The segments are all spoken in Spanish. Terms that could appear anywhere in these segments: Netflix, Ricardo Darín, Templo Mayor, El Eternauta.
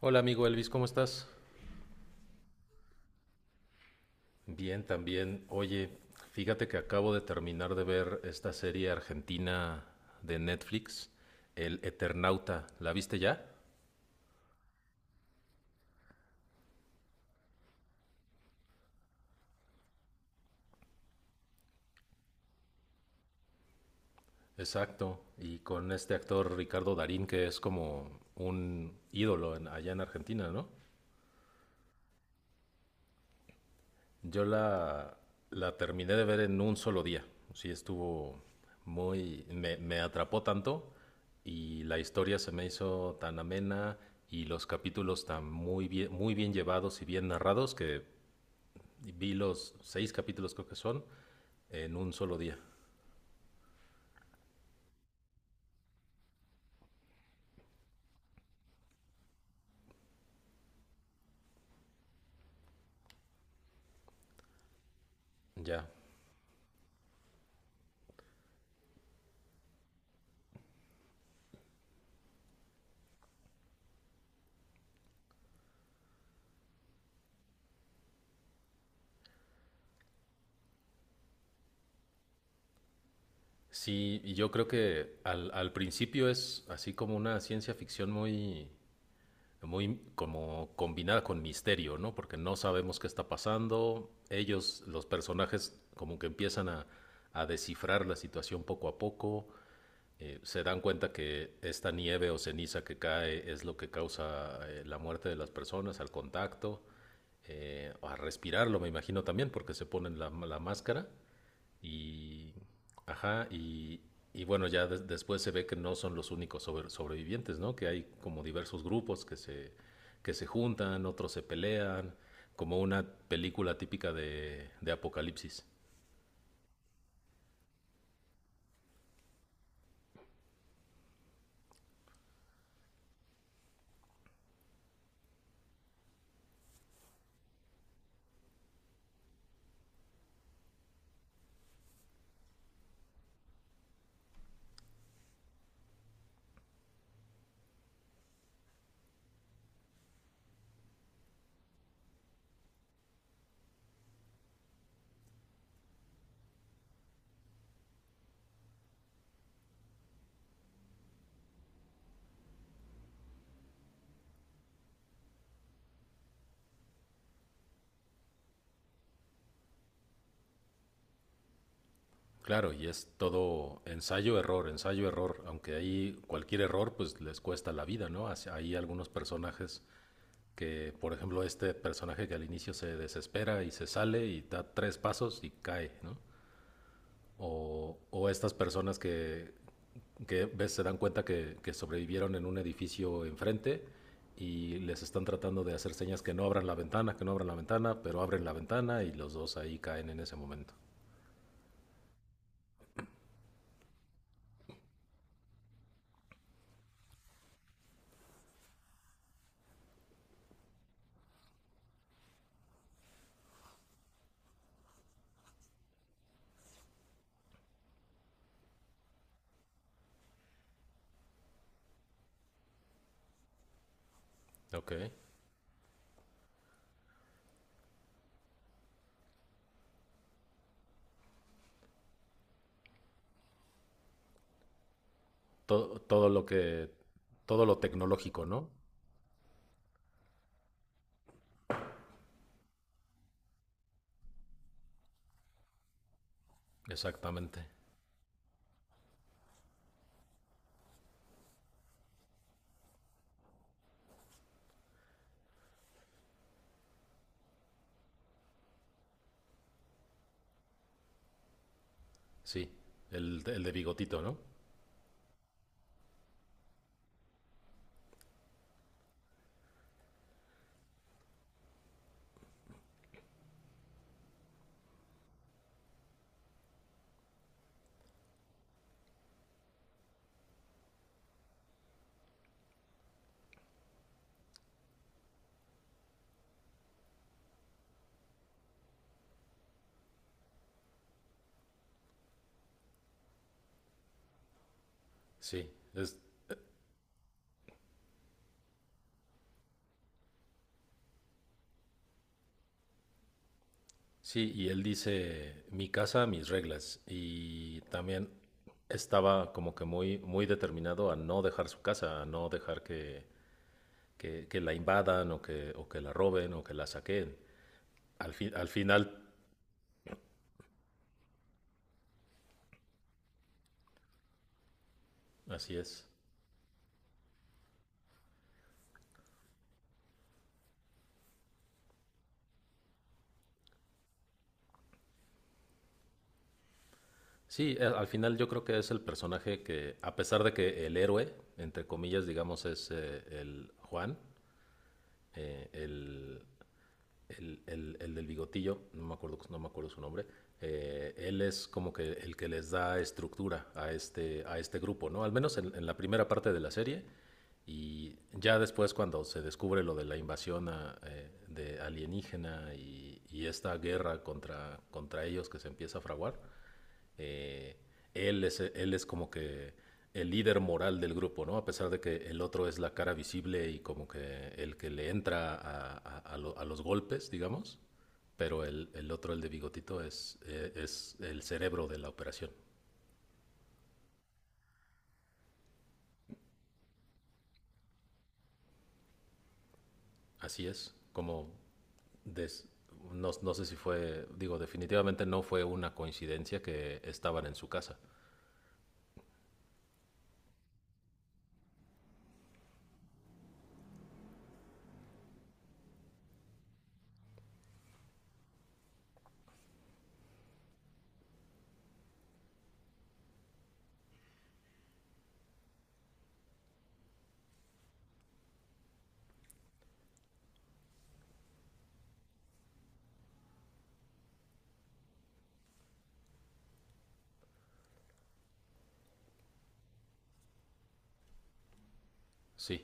Hola amigo Elvis, ¿cómo estás? Bien, también. Oye, fíjate que acabo de terminar de ver esta serie argentina de Netflix, El Eternauta. ¿La viste ya? Exacto. Y con este actor Ricardo Darín, que es como un ídolo allá en Argentina, ¿no? Yo la terminé de ver en un solo día. Sí, estuvo muy... Me atrapó tanto y la historia se me hizo tan amena y los capítulos tan muy bien llevados y bien narrados que vi los 6 capítulos creo que son en un solo día. Ya. Sí, y yo creo que al principio es así como una ciencia ficción muy, muy como combinada con misterio, ¿no? Porque no sabemos qué está pasando. Ellos, los personajes, como que empiezan a descifrar la situación poco a poco. Se dan cuenta que esta nieve o ceniza que cae es lo que causa la muerte de las personas al contacto, a respirarlo, me imagino también, porque se ponen la máscara. Y. Ajá, y bueno, ya después se ve que no son los únicos sobrevivientes, ¿no? Que hay como diversos grupos que se juntan, otros se pelean, como una película típica de apocalipsis. Claro, y es todo ensayo-error, ensayo-error, aunque ahí cualquier error pues les cuesta la vida, ¿no? Así- Hay algunos personajes que, por ejemplo, este personaje que al inicio se desespera y se sale y da 3 pasos y cae, ¿no? O estas personas que ves, se dan cuenta que sobrevivieron en un edificio enfrente y les están tratando de hacer señas que no abran la ventana, que no abran la ventana, pero abren la ventana y los dos ahí caen en ese momento. Ok. Todo, todo lo que. Todo lo tecnológico, ¿no? Exactamente. Sí. El de bigotito, ¿no? Sí. Es, sí, y él dice, mi casa, mis reglas. Y también estaba como que muy, muy determinado a no dejar su casa, a no dejar que, que la invadan o que la roben o que la saquen. Al final, así es. Sí, al final yo creo que es el personaje que, a pesar de que el héroe, entre comillas, digamos, es el Juan, eh, el, el del bigotillo, no me acuerdo, no me acuerdo su nombre, él es como que el que les da estructura a este grupo, ¿no? Al menos en la primera parte de la serie. Y ya después cuando se descubre lo de la invasión a, de alienígena y esta guerra contra, contra ellos que se empieza a fraguar, eh, él es como que el líder moral del grupo, ¿no? A pesar de que el otro es la cara visible y como que el que le entra a, a los golpes, digamos, pero el otro, el de bigotito, es el cerebro de la operación. Así es, como des- no, no sé si fue, digo, definitivamente no fue una coincidencia que estaban en su casa. Sí,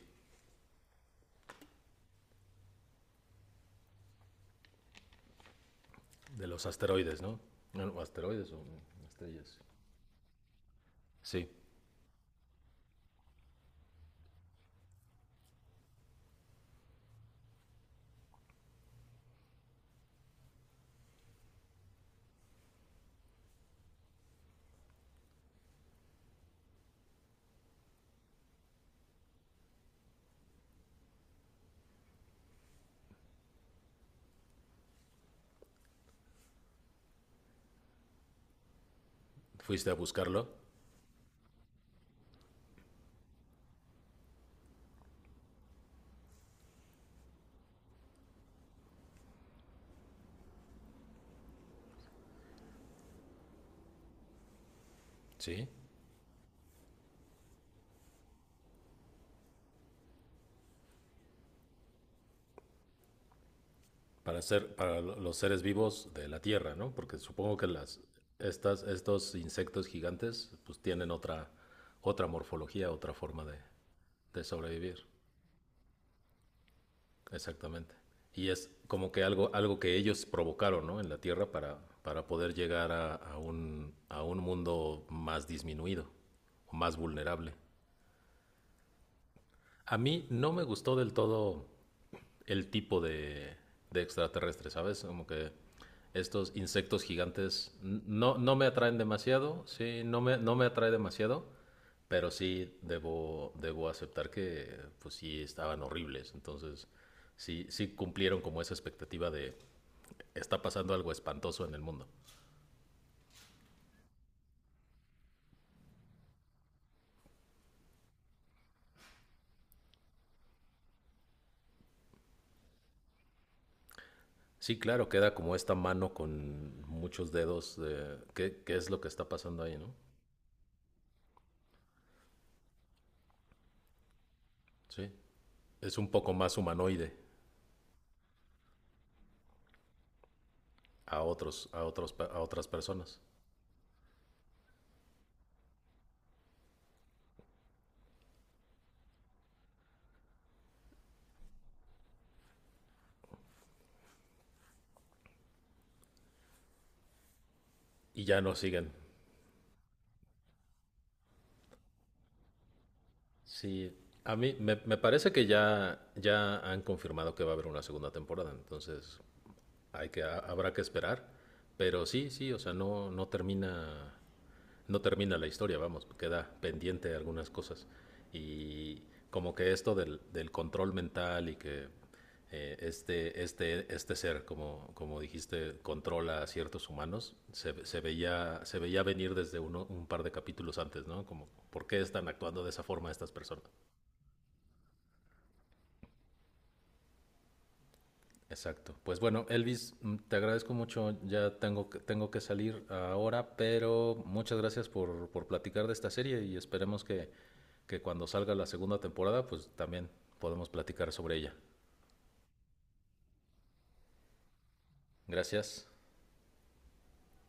de los asteroides, ¿no? Bueno, asteroides o estrellas. Sí, ¿fuiste a buscarlo? Sí, para ser, para los seres vivos de la Tierra, ¿no? Porque supongo que las, estas, estos insectos gigantes, pues tienen otra, otra morfología, otra forma de sobrevivir. Exactamente. Y es como que algo, algo que ellos provocaron, ¿no? En la Tierra para poder llegar a un mundo más disminuido o más vulnerable. A mí no me gustó del todo el tipo de extraterrestre, ¿sabes? Como que estos insectos gigantes no, no me atraen demasiado, sí, no me, no me atrae demasiado, pero sí debo, debo aceptar que pues sí estaban horribles, entonces sí, sí cumplieron como esa expectativa de está pasando algo espantoso en el mundo. Sí, claro, queda como esta mano con muchos dedos de qué, qué es lo que está pasando ahí, ¿no? Sí. Es un poco más humanoide a otros, a otros, a otras personas. Y ya no siguen. Sí, a mí me, me parece que ya, ya han confirmado que va a haber una segunda temporada, entonces hay que, habrá que esperar. Pero sí, sí, o sea, no, no termina, no termina la historia, vamos, queda pendiente algunas cosas. Y como que esto del, del control mental y que este ser, como, como dijiste, controla a ciertos humanos, se veía venir desde uno, un par de capítulos antes, ¿no? Como, ¿por qué están actuando de esa forma estas personas? Exacto. Pues bueno, Elvis, te agradezco mucho. Ya tengo que salir ahora, pero muchas gracias por platicar de esta serie y esperemos que cuando salga la segunda temporada, pues también podemos platicar sobre ella. Gracias.